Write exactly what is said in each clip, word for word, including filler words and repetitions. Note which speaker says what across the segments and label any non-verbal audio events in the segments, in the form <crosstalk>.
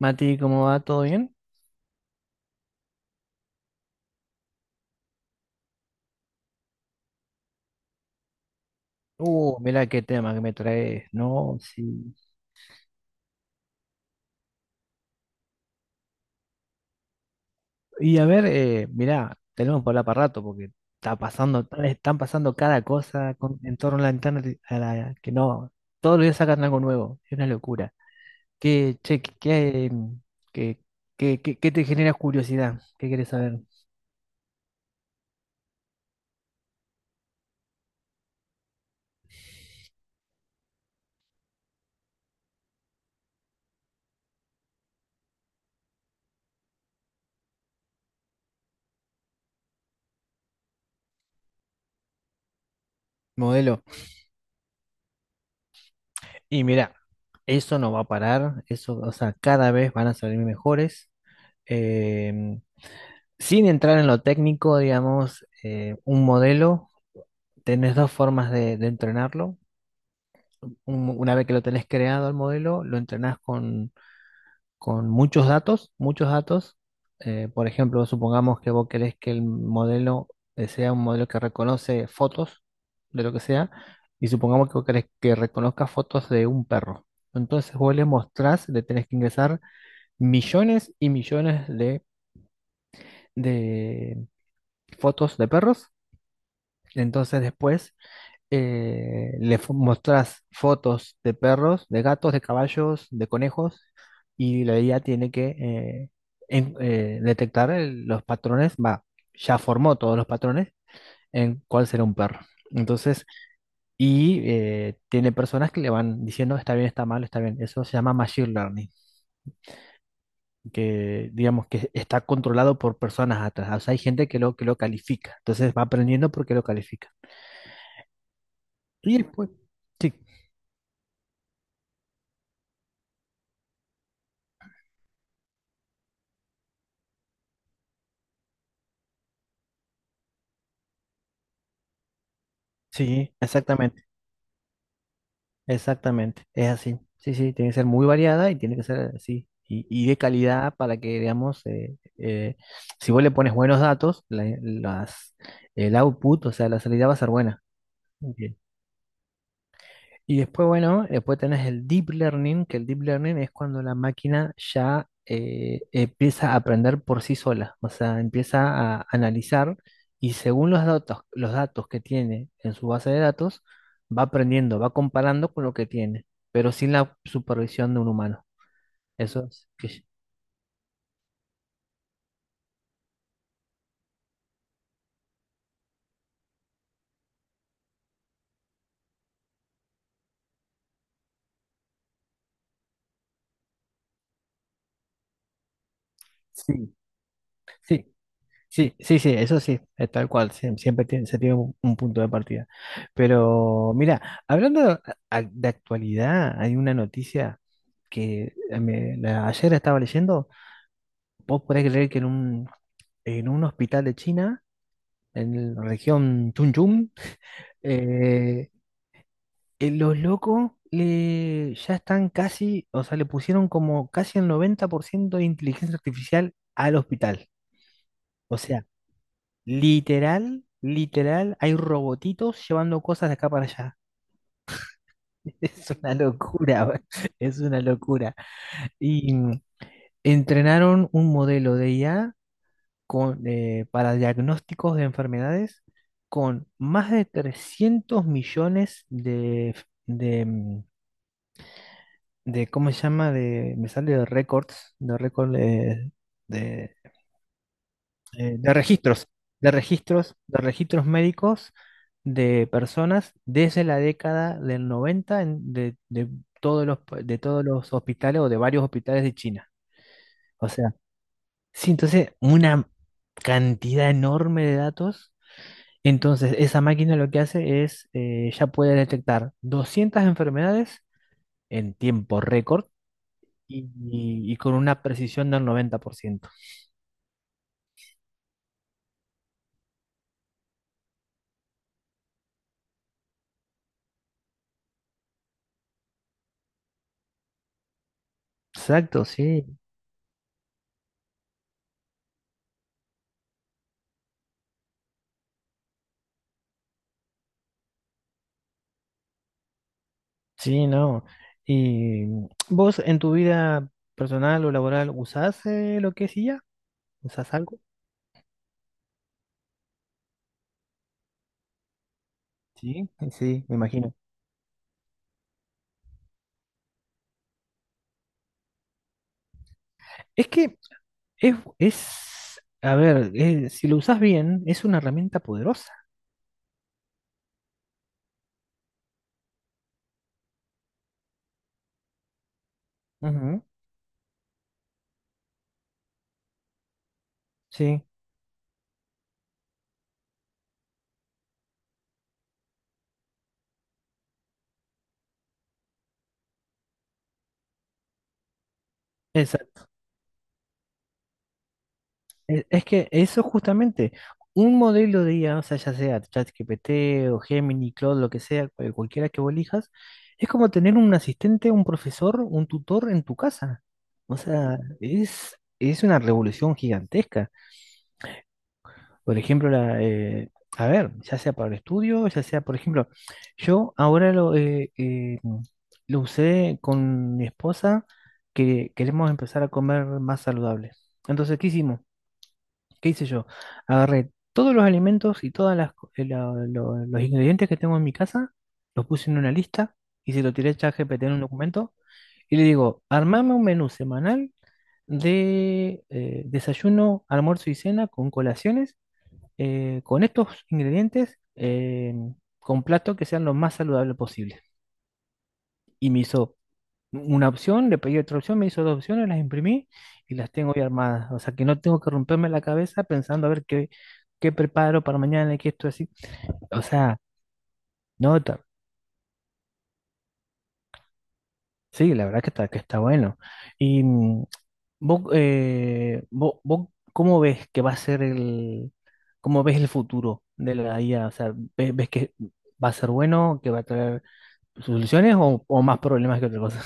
Speaker 1: Mati, ¿cómo va? ¿Todo bien? Uh, mira qué tema que me traes, ¿no? Sí. Y a ver, eh, mira, tenemos por hablar para rato porque está pasando, están pasando cada cosa con- en torno a la internet, a la, que no, todos los días sacan algo nuevo, es una locura. ¿Qué, che, qué, qué, qué- qué- qué- qué te genera curiosidad? ¿Qué quieres saber? Modelo. Y mira, eso no va a parar, eso, o sea, cada vez van a salir mejores. Sin entrar en lo técnico, digamos, eh, un modelo, tenés dos formas de, de entrenarlo. Un- una vez que lo tenés creado el modelo, lo entrenás con, con muchos datos, muchos datos. Eh, por ejemplo, supongamos que vos querés que el modelo eh, sea un modelo que reconoce fotos de lo que sea, y supongamos que vos querés que reconozca fotos de un perro. Entonces vos le mostrás, le tenés que ingresar millones y millones de de fotos de perros. Entonces después eh, le fo- mostrás fotos de perros, de gatos, de caballos, de conejos, y la I A tiene que eh, en- eh, detectar el- los patrones, va, ya formó todos los patrones en cuál será un perro. Entonces, y eh, tiene personas que le van diciendo está bien, está mal, está bien. Eso se llama machine learning, que digamos que está controlado por personas atrás. O sea, hay gente que lo, que lo califica. Entonces va aprendiendo porque lo califica. Y después, sí, sí, exactamente. Exactamente, es así. Sí, sí, tiene que ser muy variada y tiene que ser así. Y, y de calidad para que, digamos, eh, eh, si vos le pones buenos datos, la- las, el output, o sea, la salida va a ser buena. Ok. Y después, bueno, después tenés el deep learning, que el deep learning es cuando la máquina ya eh, empieza a aprender por sí sola, o sea, empieza a analizar y según los datos, los datos que tiene en su base de datos, va aprendiendo, va comparando con lo que tiene, pero sin la supervisión de un humano. Eso es. que- Sí, sí. Sí, sí, sí, eso sí, es tal cual, sie- siempre tiene- se tiene un, un punto de partida. Pero mira, hablando de, a- de actualidad, hay una noticia que eh, me- la- ayer estaba leyendo. Vos podés creer que en un, en un hospital de China, en la región Chunchun, eh, eh, los locos le, ya están casi, o sea, le pusieron como casi el noventa por ciento de inteligencia artificial al hospital. O sea, literal, literal, hay robotitos llevando cosas de acá para allá. <laughs> Es una locura, bro. Es una locura. Y mm, entrenaron un modelo de I A con, eh, para diagnósticos de enfermedades con más de trescientos millones de, f- de, mm, de ¿cómo se llama? De, me sale de récords, de récords eh, de registros, de registros, de registros médicos de personas desde la década del noventa en- de, de todos los, pa- de todos los hospitales o de varios hospitales de China. O sea, sí, entonces una cantidad enorme de datos. Entonces, esa máquina lo que hace es, eh, ya puede detectar doscientas enfermedades en tiempo récord y, y- y con una precisión del noventa por ciento. Exacto, sí. Sí, no. ¿Y vos en tu vida personal o laboral usás eh, lo que es I A? ¿Usás algo? Sí, sí, me imagino. Es que es, es a ver, eh, si lo usás bien, es una herramienta poderosa. Ujú, sí, exacto. Es es que eso justamente, un modelo de I A, o sea, ya sea ChatGPT o Gemini, Claude, lo que sea, cual- cualquiera que vos elijas, es como tener un asistente, un profesor, un tutor en tu casa. O sea, es, es una revolución gigantesca. Por ejemplo, la, eh, a ver, ya sea para el estudio, ya sea, por ejemplo, yo ahora lo, eh, eh, lo usé con mi esposa que queremos empezar a comer más saludable. Entonces, ¿qué hicimos? ¿Qué hice yo? Agarré todos los alimentos y todos los ingredientes que tengo en mi casa, los puse en una lista y se lo tiré a ChatGPT en un documento y le digo, armame un menú semanal de eh, desayuno, almuerzo y cena con colaciones, eh, con estos ingredientes, eh, con platos que sean lo más saludables posible. Y me hizo una opción, le pedí otra opción, me hizo dos opciones, las imprimí y las tengo ya armadas. O sea que no tengo que romperme la cabeza pensando a ver qué, qué preparo para mañana y qué esto así. O sea, nota. Sí, la verdad que está, que está bueno. Y mm, vos, eh, vos, vos ¿cómo ves que va a ser el, cómo ves el futuro de la I A? O sea, ¿ves, ves que va a ser bueno, que va a traer soluciones o, o más problemas que otra cosa?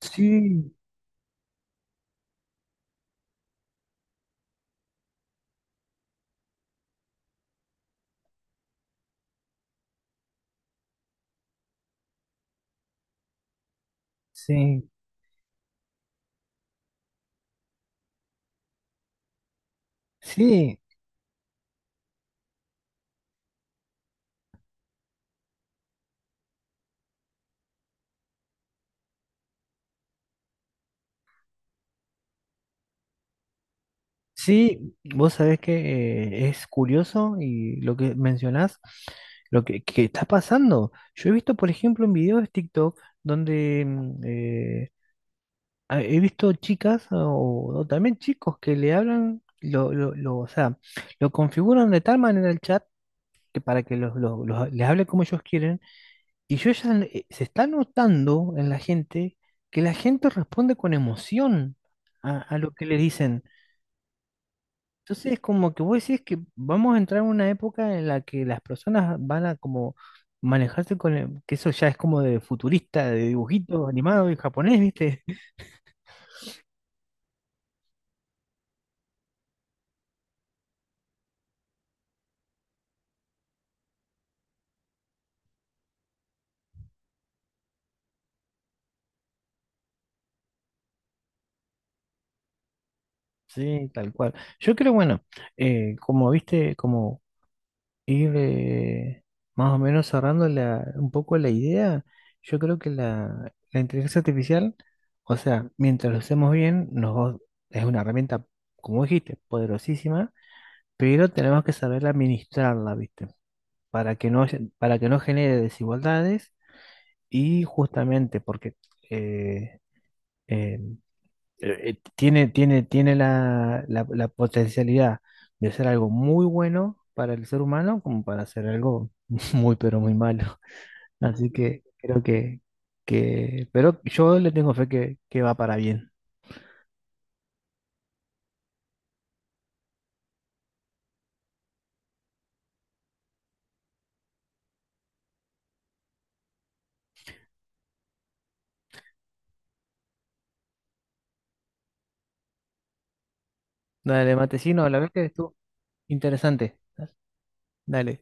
Speaker 1: Sí, sí, sí, sí, vos sabés que eh, es curioso y lo que mencionás, lo que, que está pasando. Yo he visto, por ejemplo, en videos de TikTok donde mm, eh, ah, he visto chicas o, o también chicos que le hablan, lo, lo, lo- o sea, lo configuran de tal manera el chat que para que los, los- los- les hable como ellos quieren. Y yo ya eh, se está notando en la gente que la gente responde con emoción a a lo que le dicen. Entonces es como que vos decís que vamos a entrar en una época en la que las personas van a como manejarse con el- que eso ya es como de futurista, de dibujito animado y japonés, ¿viste? <laughs> Sí, tal cual. Yo creo, bueno, eh, como viste, como ir eh, más o menos cerrando la, un poco la idea, yo creo que la, la inteligencia artificial, o sea, mientras lo hacemos bien, nos, va- es una herramienta, como dijiste, poderosísima, pero tenemos que saber administrarla, ¿viste? para que no, para que no genere desigualdades y justamente porque eh, eh, eh, tiene, tiene, tiene la, la- la potencialidad de ser algo muy bueno para el ser humano como para ser algo <laughs> muy, pero muy malo. Así que creo que, que pero yo le tengo fe que, que va para bien. Dale, Matecino, la verdad que estuvo interesante. Dale.